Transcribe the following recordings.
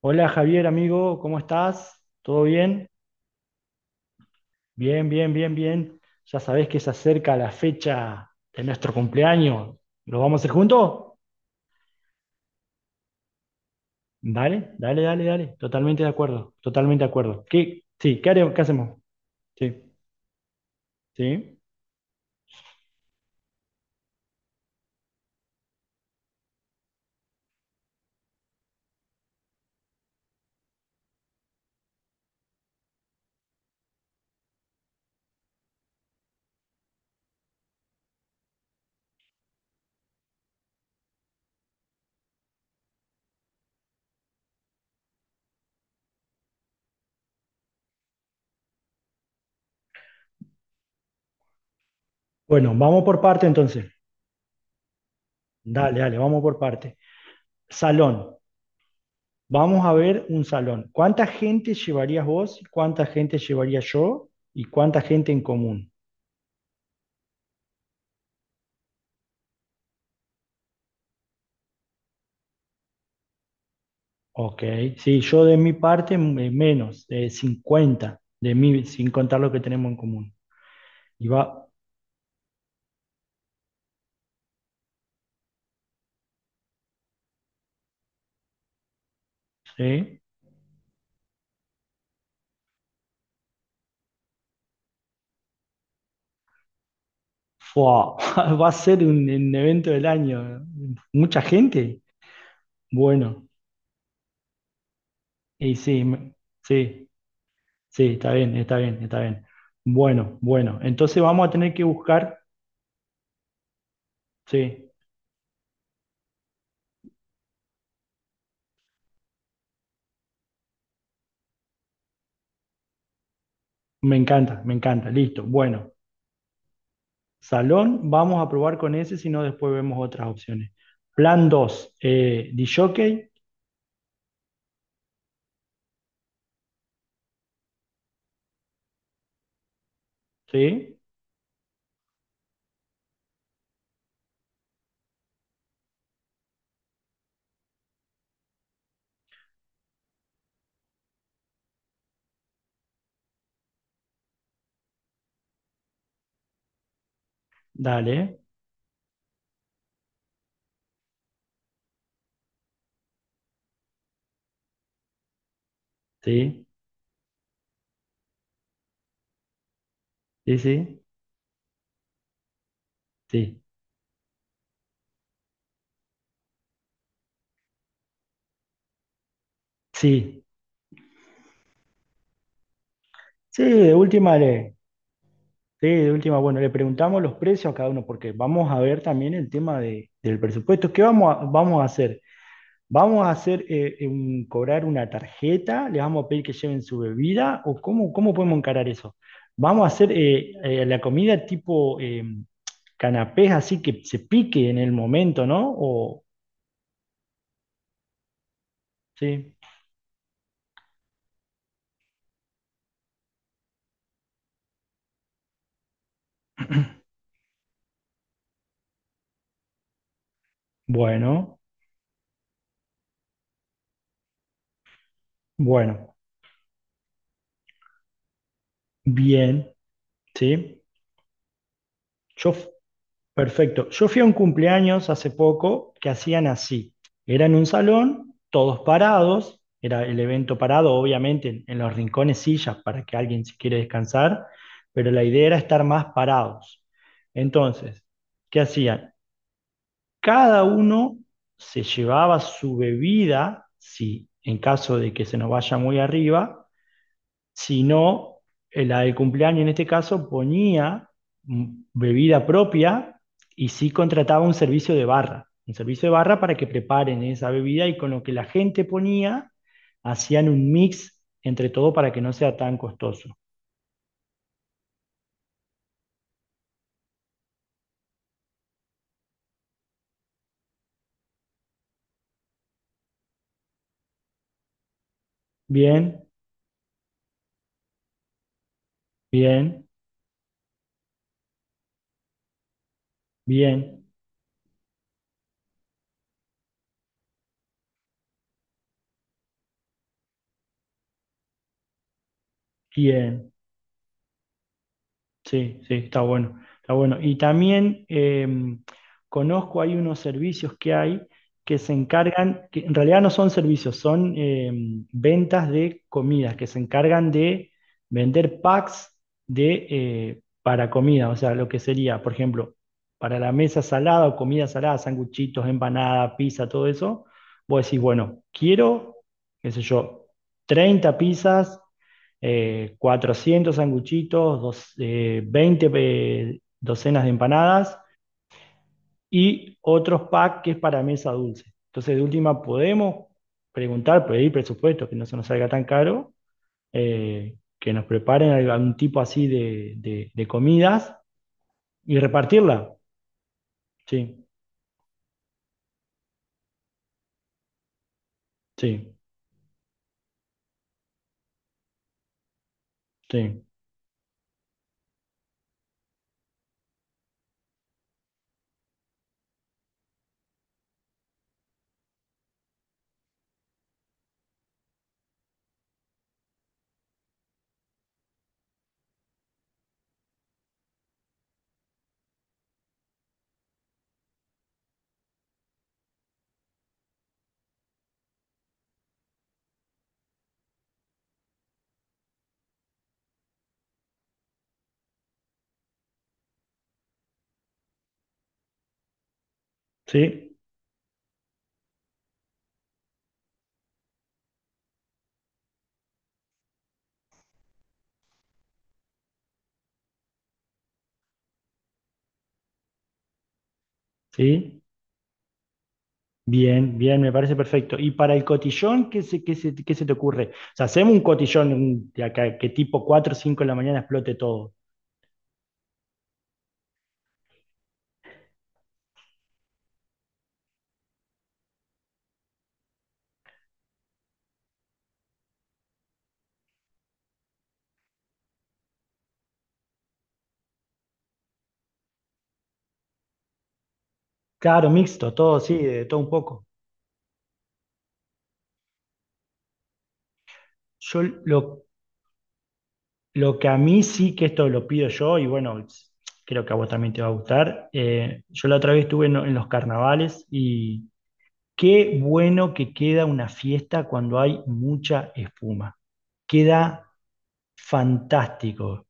Hola Javier, amigo, ¿cómo estás? ¿Todo bien? Bien, bien, bien, bien. Ya sabés que se acerca la fecha de nuestro cumpleaños. ¿Lo vamos a hacer juntos? Dale, dale, dale, dale. Totalmente de acuerdo, totalmente de acuerdo. ¿Qué? Sí, ¿qué haremos? ¿Qué hacemos? Sí, sí. Bueno, vamos por parte entonces. Dale, dale, vamos por parte. Salón. Vamos a ver un salón. ¿Cuánta gente llevarías vos? ¿Cuánta gente llevaría yo? ¿Y cuánta gente en común? Ok, sí, yo de mi parte menos, de 50 de mí, sin contar lo que tenemos en común. Y va, sí, fua, va a ser un evento del año. ¿Mucha gente? Bueno, y sí, sí, sí, está bien, está bien, está bien. Bueno, bueno, entonces vamos a tener que buscar, sí, me encanta, listo. Bueno, salón, vamos a probar con ese, si no después vemos otras opciones. Plan dos, disc jockey, sí. Dale, sí, sí, sí, sí, sí, sí, sí, de última, bueno, le preguntamos los precios a cada uno, porque vamos a ver también el tema del presupuesto. ¿Qué vamos a hacer? ¿Vamos a hacer cobrar una tarjeta? ¿Les vamos a pedir que lleven su bebida? ¿O cómo podemos encarar eso? ¿Vamos a hacer la comida tipo canapés así que se pique en el momento, ¿no? O, sí, bueno, bueno, bien, sí. Yo Perfecto. Yo fui a un cumpleaños hace poco que hacían así. Era en un salón, todos parados, era el evento parado, obviamente, en los rincones sillas para que alguien si quiere descansar, pero la idea era estar más parados. Entonces, ¿qué hacían? Cada uno se llevaba su bebida, si en caso de que se nos vaya muy arriba, sino la del cumpleaños en este caso ponía mm, bebida propia y sí contrataba un servicio de barra, un servicio de barra para que preparen esa bebida y con lo que la gente ponía hacían un mix entre todo para que no sea tan costoso. Bien, bien, bien, bien. Sí, sí, está bueno, está bueno. Y también conozco, hay unos servicios que hay que se encargan, que en realidad no son servicios, son ventas de comidas, que se encargan de vender packs de, para comida, o sea, lo que sería, por ejemplo, para la mesa salada o comida salada, sanguchitos, empanada, pizza, todo eso, vos decís, bueno, quiero, qué sé yo, 30 pizzas 400 sanguchitos, 20 docenas de empanadas y otros packs que es para mesa dulce. Entonces, de última, podemos preguntar, pedir presupuesto, que no se nos salga tan caro, que nos preparen algún tipo así de comidas y repartirla. Sí, sí, sí, sí, sí. Bien, bien, me parece perfecto. ¿Y para el cotillón, qué se te ocurre? O sea, hacemos un cotillón de acá, que tipo 4 o 5 de la mañana explote todo. Claro, mixto, todo, sí, de todo un poco. Yo lo, lo que a mí sí que esto lo pido yo, y bueno, creo que a vos también te va a gustar. Yo la otra vez estuve en los carnavales y qué bueno que queda una fiesta cuando hay mucha espuma. Queda fantástico.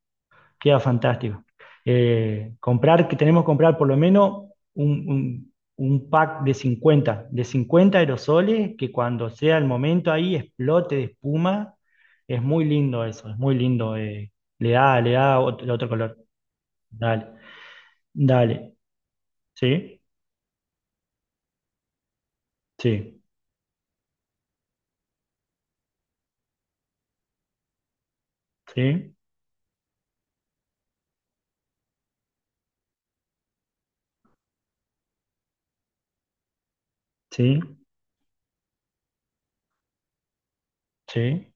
Queda fantástico. Comprar, que tenemos que comprar por lo menos un, un- un pack de cincuenta aerosoles, que cuando sea el momento ahí explote de espuma. Es muy lindo eso, es muy lindo. Le da, le da otro color. Dale, dale. Sí, sí, sí, sí, sí.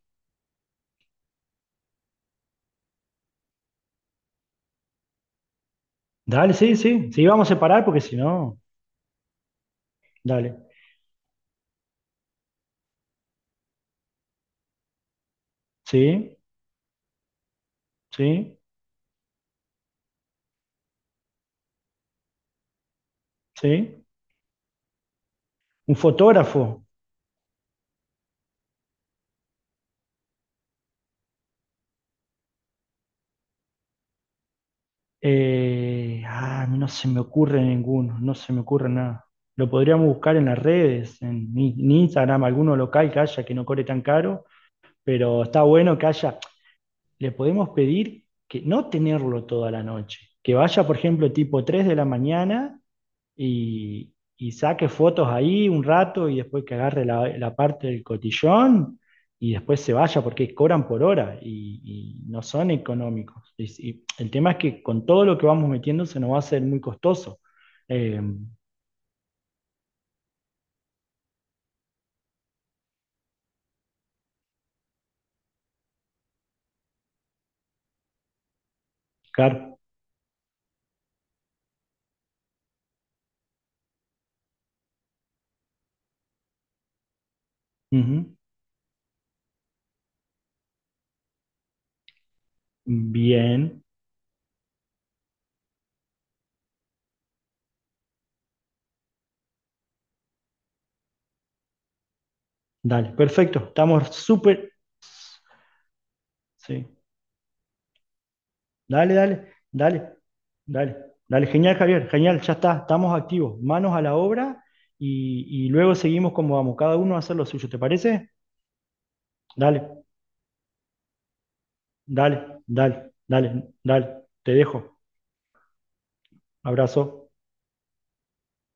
Dale, sí, sí. Sí, vamos a separar porque si no, dale. Sí, sí, sí. Un fotógrafo. Ah, a mí no se me ocurre ninguno, no se me ocurre nada. Lo podríamos buscar en las redes, en Instagram, alguno local que haya que no cobre tan caro, pero está bueno que haya. Le podemos pedir que no tenerlo toda la noche, que vaya, por ejemplo, tipo 3 de la mañana y saque fotos ahí un rato y después que agarre la parte del cotillón y después se vaya porque cobran por hora y no son económicos. Y el tema es que con todo lo que vamos metiendo se nos va a hacer muy costoso. Eh, Car- Ujú. Bien, dale, perfecto, estamos súper... Sí, dale, dale, dale. Dale, dale, genial, Javier, genial, ya está, estamos activos, manos a la obra y luego seguimos como vamos, cada uno a hacer lo suyo, ¿te parece? Dale, dale, dale, dale, dale, te dejo, abrazo.